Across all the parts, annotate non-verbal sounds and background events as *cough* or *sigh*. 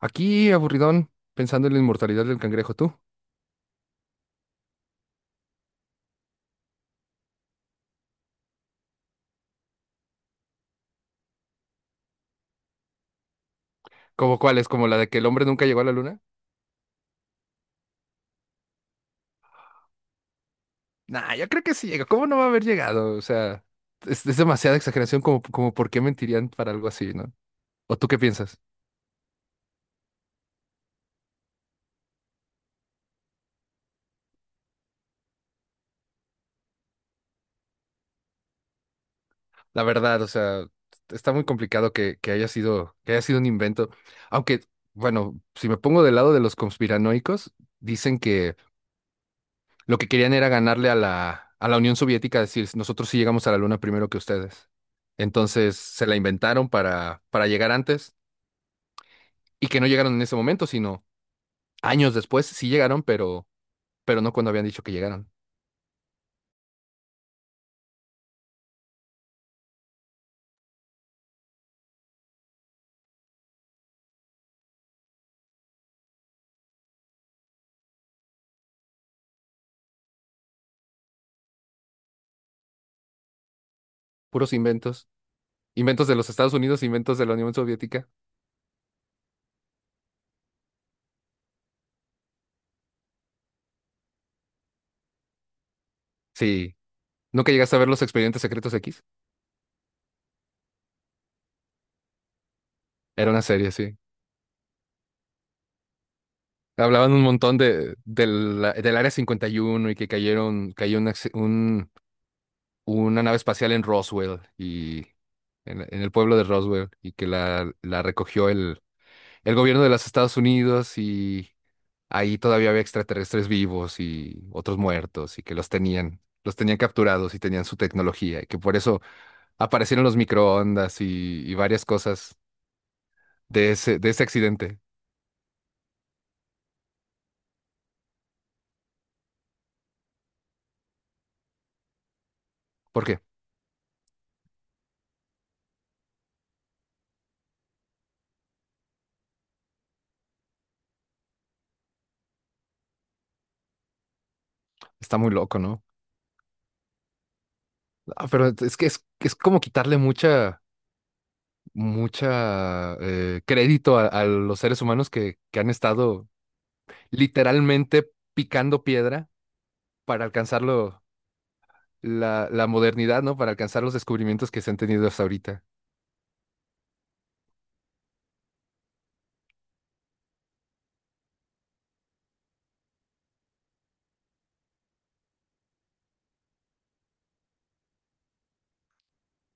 Aquí, aburridón, pensando en la inmortalidad del cangrejo, ¿tú? ¿Cómo cuál es? ¿Como la de que el hombre nunca llegó a la luna? Nah, yo creo que sí llega. ¿Cómo no va a haber llegado? O sea, es demasiada exageración como por qué mentirían para algo así, ¿no? ¿O tú qué piensas? La verdad, o sea, está muy complicado que haya sido, que haya sido un invento. Aunque, bueno, si me pongo del lado de los conspiranoicos, dicen que lo que querían era ganarle a la Unión Soviética, decir, nosotros sí llegamos a la Luna primero que ustedes. Entonces se la inventaron para llegar antes y que no llegaron en ese momento, sino años después sí llegaron, pero no cuando habían dicho que llegaron. Puros inventos. Inventos de los Estados Unidos, inventos de la Unión Soviética. Sí. ¿Nunca llegaste a ver los Expedientes Secretos X? Era una serie, sí. Hablaban un montón del Área 51 y uno y que cayeron, cayó un acci- un- una nave espacial en Roswell y en el pueblo de Roswell y que la recogió el gobierno de los Estados Unidos y ahí todavía había extraterrestres vivos y otros muertos y que los tenían capturados y tenían su tecnología y que por eso aparecieron los microondas y varias cosas de ese accidente. ¿Por qué? Está muy loco, ¿no? Ah, pero es que es como quitarle mucha mucha crédito a los seres humanos que han estado literalmente picando piedra para la modernidad, ¿no? Para alcanzar los descubrimientos que se han tenido hasta ahorita.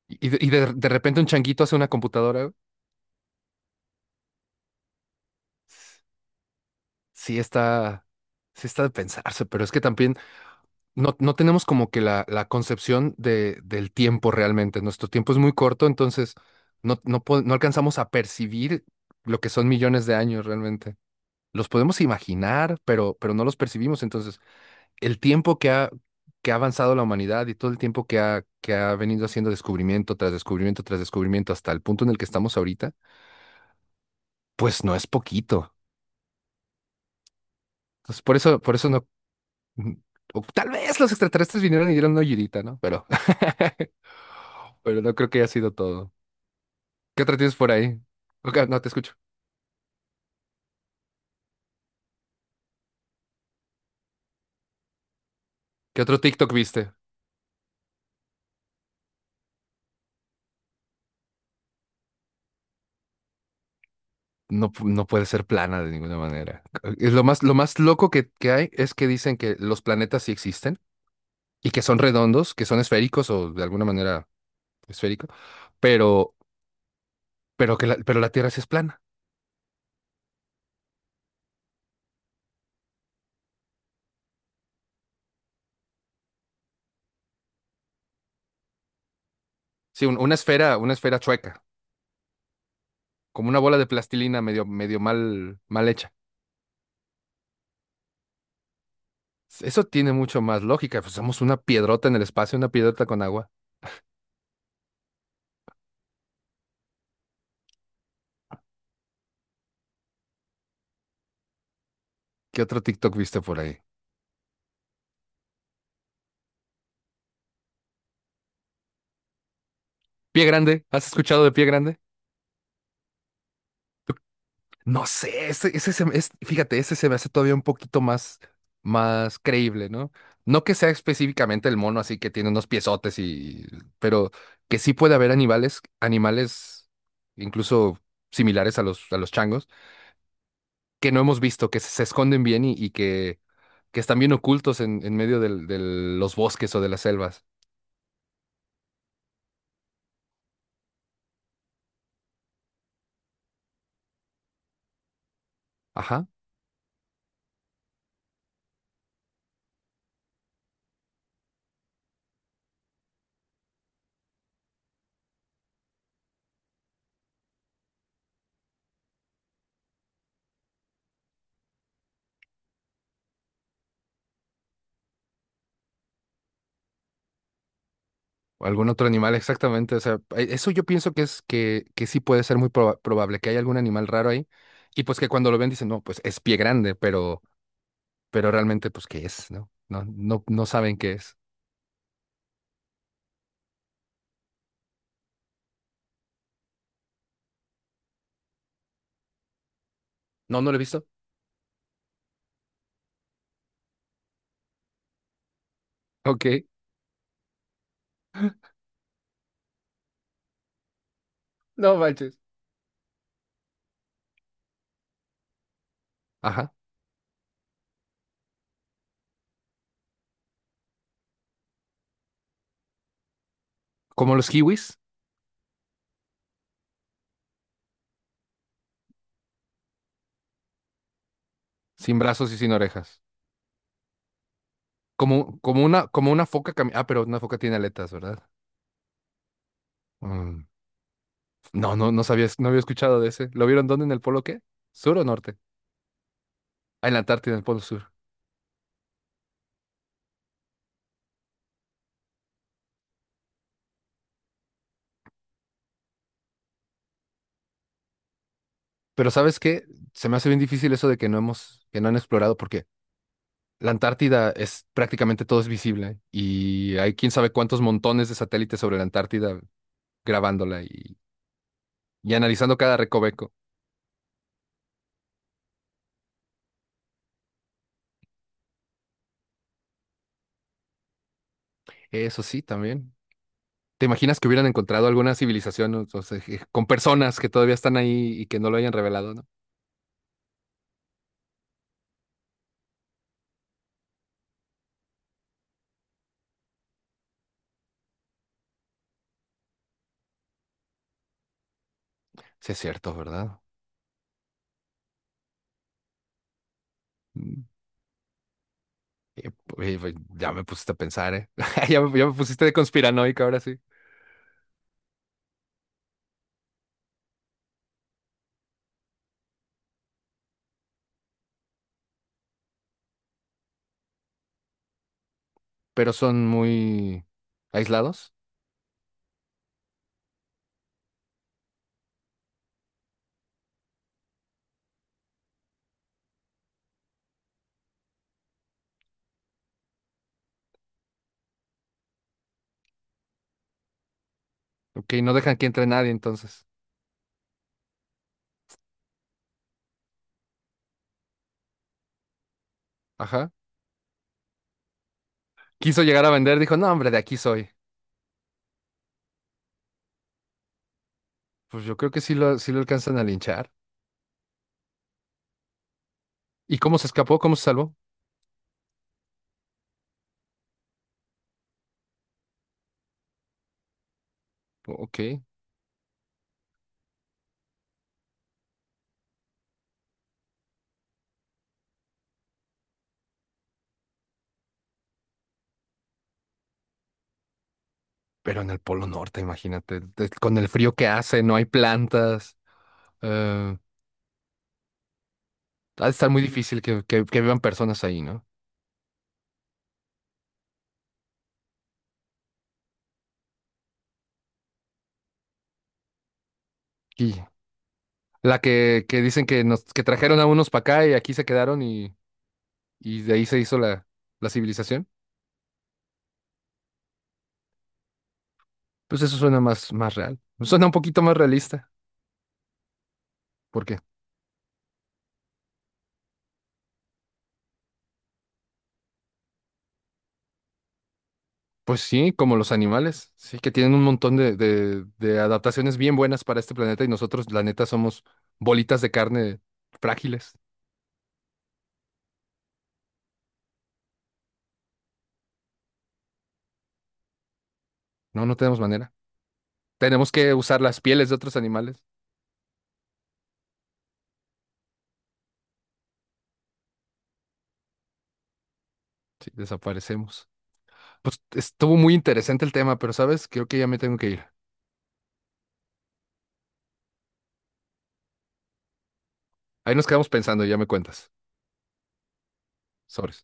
De repente un changuito hace una computadora, güey. Sí está, sí está de pensarse, pero es que también no tenemos como que la concepción del tiempo realmente. Nuestro tiempo es muy corto, entonces no alcanzamos a percibir lo que son millones de años realmente. Los podemos imaginar, pero no los percibimos. Entonces, el tiempo que ha avanzado la humanidad y todo el tiempo que ha venido haciendo descubrimiento tras descubrimiento tras descubrimiento hasta el punto en el que estamos ahorita, pues no es poquito. Entonces, por eso no. mm, o tal vez los extraterrestres vinieron y dieron una ayudita, ¿no? Pero, *laughs* pero no creo que haya sido todo. ¿Qué otra tienes por ahí? Ok, no te escucho. ¿Qué otro TikTok viste? No puede ser plana de ninguna manera. Es lo más loco que hay es que dicen que los planetas sí existen y que son redondos, que son esféricos o de alguna manera esférico, pero, pero que pero la Tierra sí es plana. Sí, una esfera chueca, como una bola de plastilina medio, medio mal, mal hecha. Eso tiene mucho más lógica. Pues somos una piedrota en el espacio, una piedrota con agua. ¿Qué otro TikTok viste por ahí? Pie grande, ¿has escuchado de pie grande? No sé, ese, es, fíjate, ese se me hace todavía un poquito más, más creíble, ¿no? No que sea específicamente el mono así que tiene unos piezotes y, pero que sí puede haber animales, animales incluso similares a los changos, que no hemos visto, se esconden bien y que están bien ocultos en medio de los bosques o de las selvas. Ajá. O algún otro animal, exactamente. O sea, eso yo pienso que es que sí puede ser probable, que hay algún animal raro ahí, y pues que cuando lo ven dicen, no, pues es pie grande, pero realmente, pues, ¿qué es? ¿No? No saben qué es. No, no lo he visto. Ok, no manches. Ajá. Como los kiwis, sin brazos y sin orejas. Como una foca Ah, pero una foca tiene aletas, ¿verdad? Mm, no sabías, no había escuchado de ese. ¿Lo vieron dónde? ¿En el polo qué? ¿Sur o norte? Ah, en la Antártida, en el polo sur. Pero ¿sabes qué? Se me hace bien difícil eso de que no hemos, que no han explorado, porque la Antártida es prácticamente todo es visible y hay quién sabe cuántos montones de satélites sobre la Antártida grabándola y analizando cada recoveco. Eso sí, también. ¿Te imaginas que hubieran encontrado alguna civilización o sea, con personas que todavía están ahí y que no lo hayan revelado, ¿no? Sí, es cierto, ¿verdad? Mm. Eh, oye, ya me pusiste a pensar, ¿eh? *laughs* Ya me pusiste de conspiranoica ahora sí. Pero son muy aislados. Ok, no dejan que entre nadie entonces. Ajá. Quiso llegar a vender, dijo, no, hombre, de aquí soy. Pues yo creo que sí lo alcanzan a linchar. ¿Y cómo se escapó? ¿Cómo se salvó? Ok. Pero en el Polo Norte, imagínate, con el frío que hace, no hay plantas. eh, ha de estar muy difícil que vivan personas ahí, ¿no? Y la que dicen que nos, que trajeron a unos para acá y aquí se quedaron y de ahí se hizo la civilización. Pues eso suena más, más real. Suena un poquito más realista. Porque pues sí, como los animales, sí, que tienen un montón de adaptaciones bien buenas para este planeta y nosotros, la neta, somos bolitas de carne frágiles. No, no tenemos manera. Tenemos que usar las pieles de otros animales. Sí, desaparecemos. Pues estuvo muy interesante el tema, pero sabes, creo que ya me tengo que ir. Ahí nos quedamos pensando y ya me cuentas. Sobre.